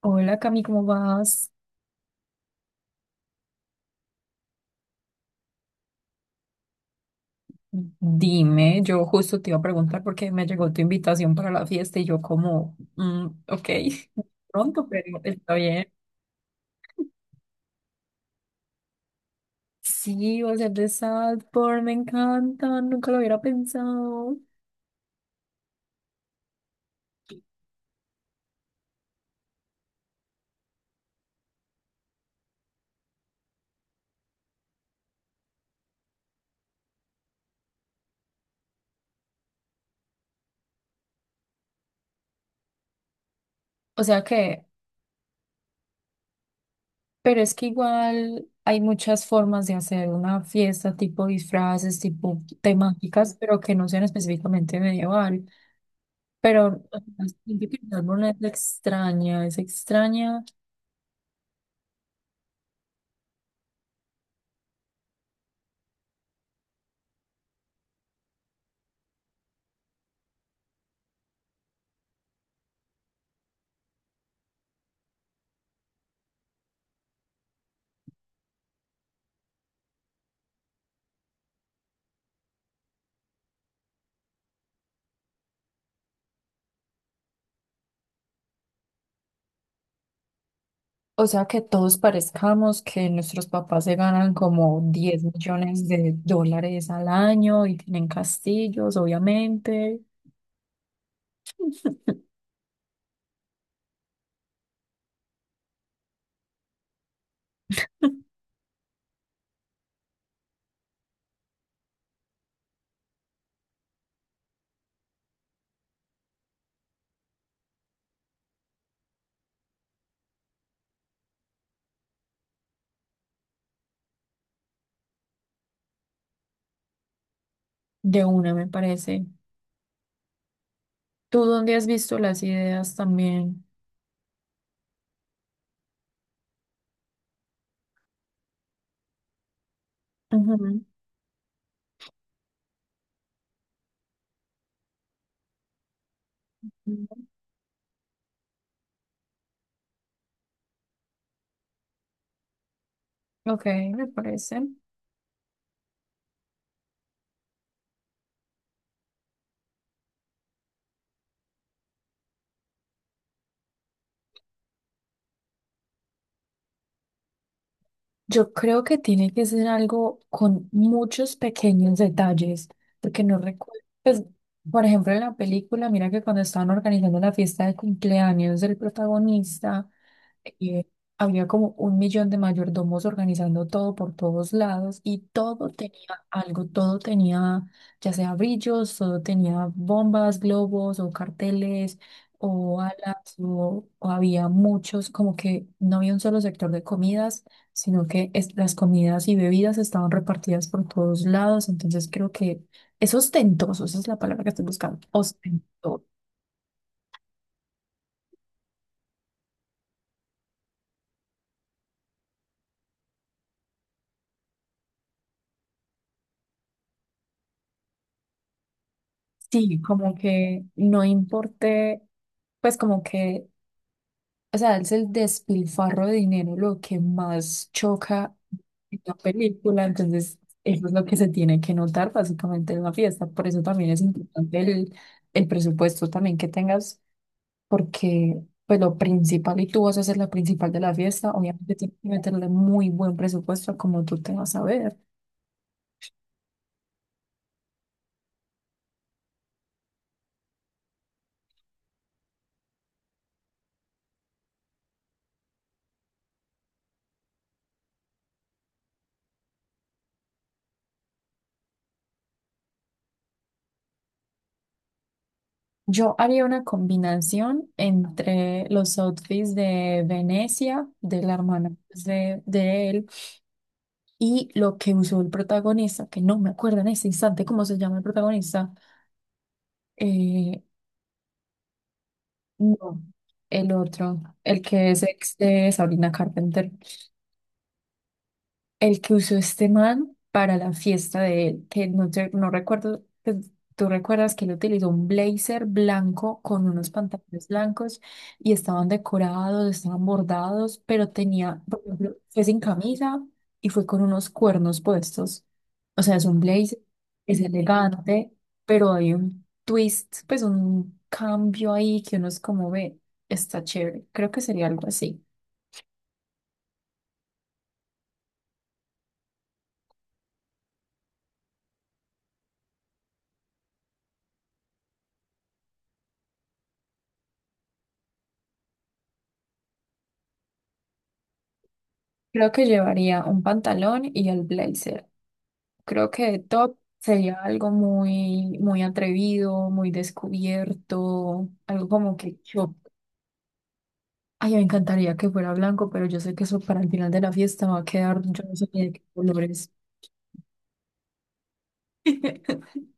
Hola Cami, ¿cómo vas? Dime, yo justo te iba a preguntar porque me llegó tu invitación para la fiesta y yo como, ok, pronto, pero está bien. Sí, va a ser de Salford, me encanta, nunca lo hubiera pensado. O sea que, pero es que igual hay muchas formas de hacer una fiesta, tipo disfraces, tipo temáticas, pero que no sean específicamente medieval. Pero o sea, siento que el árbol es extraña, es extraña. O sea, que todos parezcamos que nuestros papás se ganan como 10 millones de dólares al año y tienen castillos, obviamente. De una me parece. ¿Tú dónde has visto las ideas también? Ujú. Ok, me parece. Yo creo que tiene que ser algo con muchos pequeños detalles, porque no recuerdo, pues, por ejemplo, en la película, mira que cuando estaban organizando la fiesta de cumpleaños del protagonista, eh, había como 1 millón de mayordomos organizando todo por todos lados y todo tenía algo, todo tenía ya sea brillos, todo tenía bombas, globos o carteles o alas o había muchos, como que no había un solo sector de comidas, sino que las comidas y bebidas estaban repartidas por todos lados, entonces creo que es ostentoso, esa es la palabra que estoy buscando, ostentoso. Sí, como que no importe, pues como que o sea, es el despilfarro de dinero lo que más choca en la película, entonces eso es lo que se tiene que notar básicamente en la fiesta. Por eso también es importante el presupuesto también que tengas, porque pues lo principal y tú vas a ser la principal de la fiesta, obviamente tienes que meterle muy buen presupuesto a como tú te vas a ver. Yo haría una combinación entre los outfits de Venecia, de la hermana pues, de él. Y lo que usó el protagonista, que no me acuerdo en ese instante cómo se llama el protagonista, eh, no, el otro, el que es ex de Sabrina Carpenter. El que usó este man para la fiesta de él, que no, no recuerdo, pues, tú recuerdas que él utilizó un blazer blanco con unos pantalones blancos y estaban decorados, estaban bordados, pero tenía, por ejemplo, fue sin camisa y fue con unos cuernos puestos. O sea, es un blazer, es elegante, pero hay un twist, pues un cambio ahí que uno es como ve, está chévere. Creo que sería algo así. Creo que llevaría un pantalón y el blazer. Creo que top sería algo muy, muy atrevido, muy descubierto, algo como que yo, ay, me encantaría que fuera blanco, pero yo sé que eso para el final de la fiesta va a quedar, yo no sé ni de qué colores.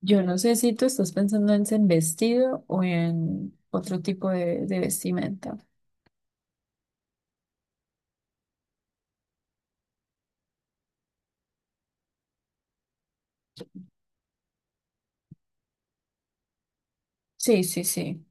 Yo no sé si tú estás pensando en vestido o en otro tipo de vestimenta. Sí, sí, sí.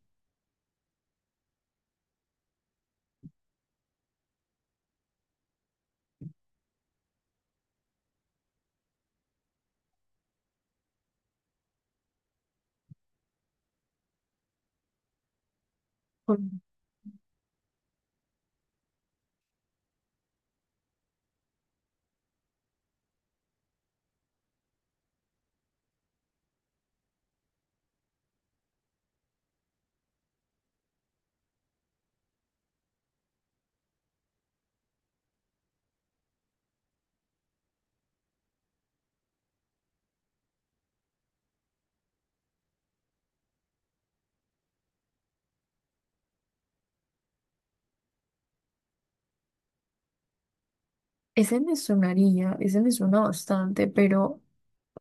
Ujú. Ese me sonaría, ese me suena bastante, pero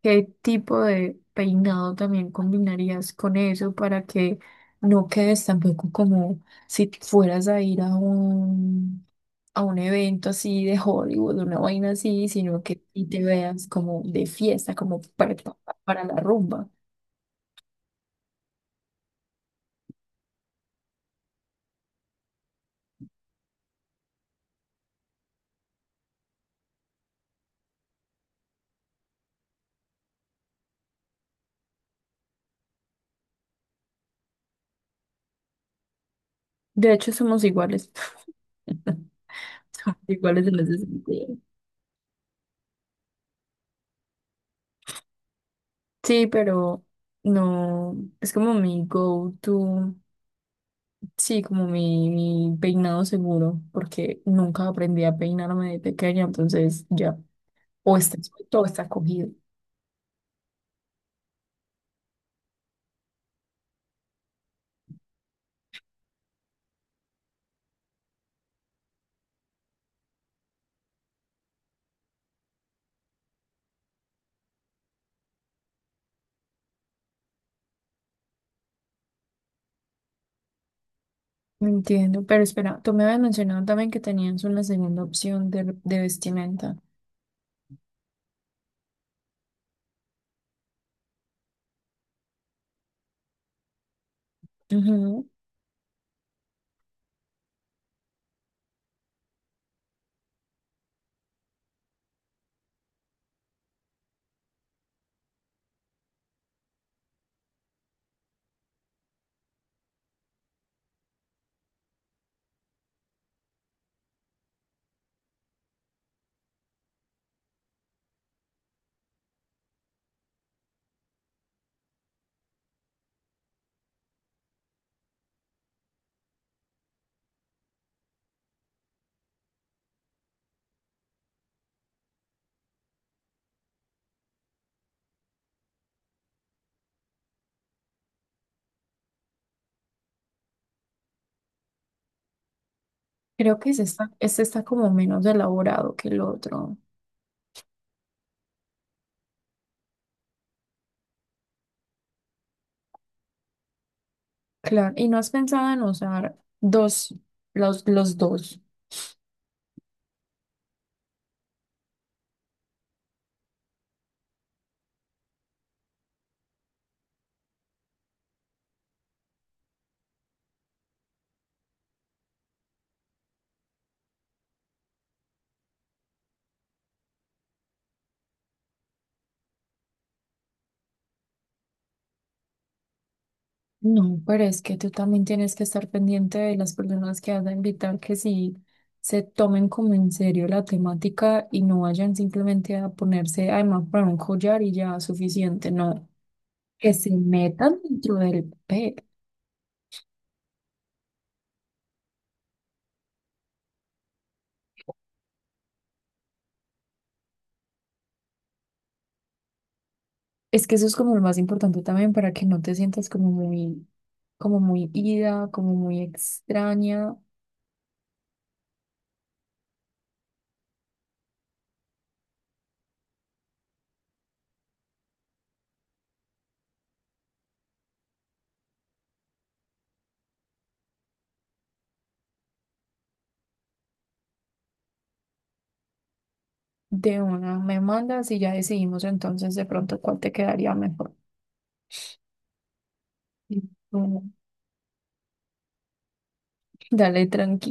¿qué tipo de peinado también combinarías con eso para que no quedes tampoco como si fueras a ir a un evento así de Hollywood, una vaina así, sino que y te veas como de fiesta, como preparada para la rumba? De hecho, somos iguales. Somos iguales en ese sentido. Sí, pero no, es como mi go-to, sí, como mi peinado seguro, porque nunca aprendí a peinarme de pequeña, entonces ya, o está suelto o está cogido. Entiendo, pero espera, tú me habías mencionado también que tenías una segunda opción de vestimenta. Ujú. Creo que este está como menos elaborado que el otro. Claro, y no has pensado en usar dos, los dos. No, pero es que tú también tienes que estar pendiente de las personas que vas a invitar, que sí se tomen como en serio la temática y no vayan simplemente a ponerse, además, para un collar y ya suficiente, no, que se metan dentro del pe. Es que eso es como lo más importante también para que no te sientas como muy ida, como muy extraña. De una me mandas y ya decidimos entonces de pronto cuál te quedaría mejor. Y tú, dale tranqui.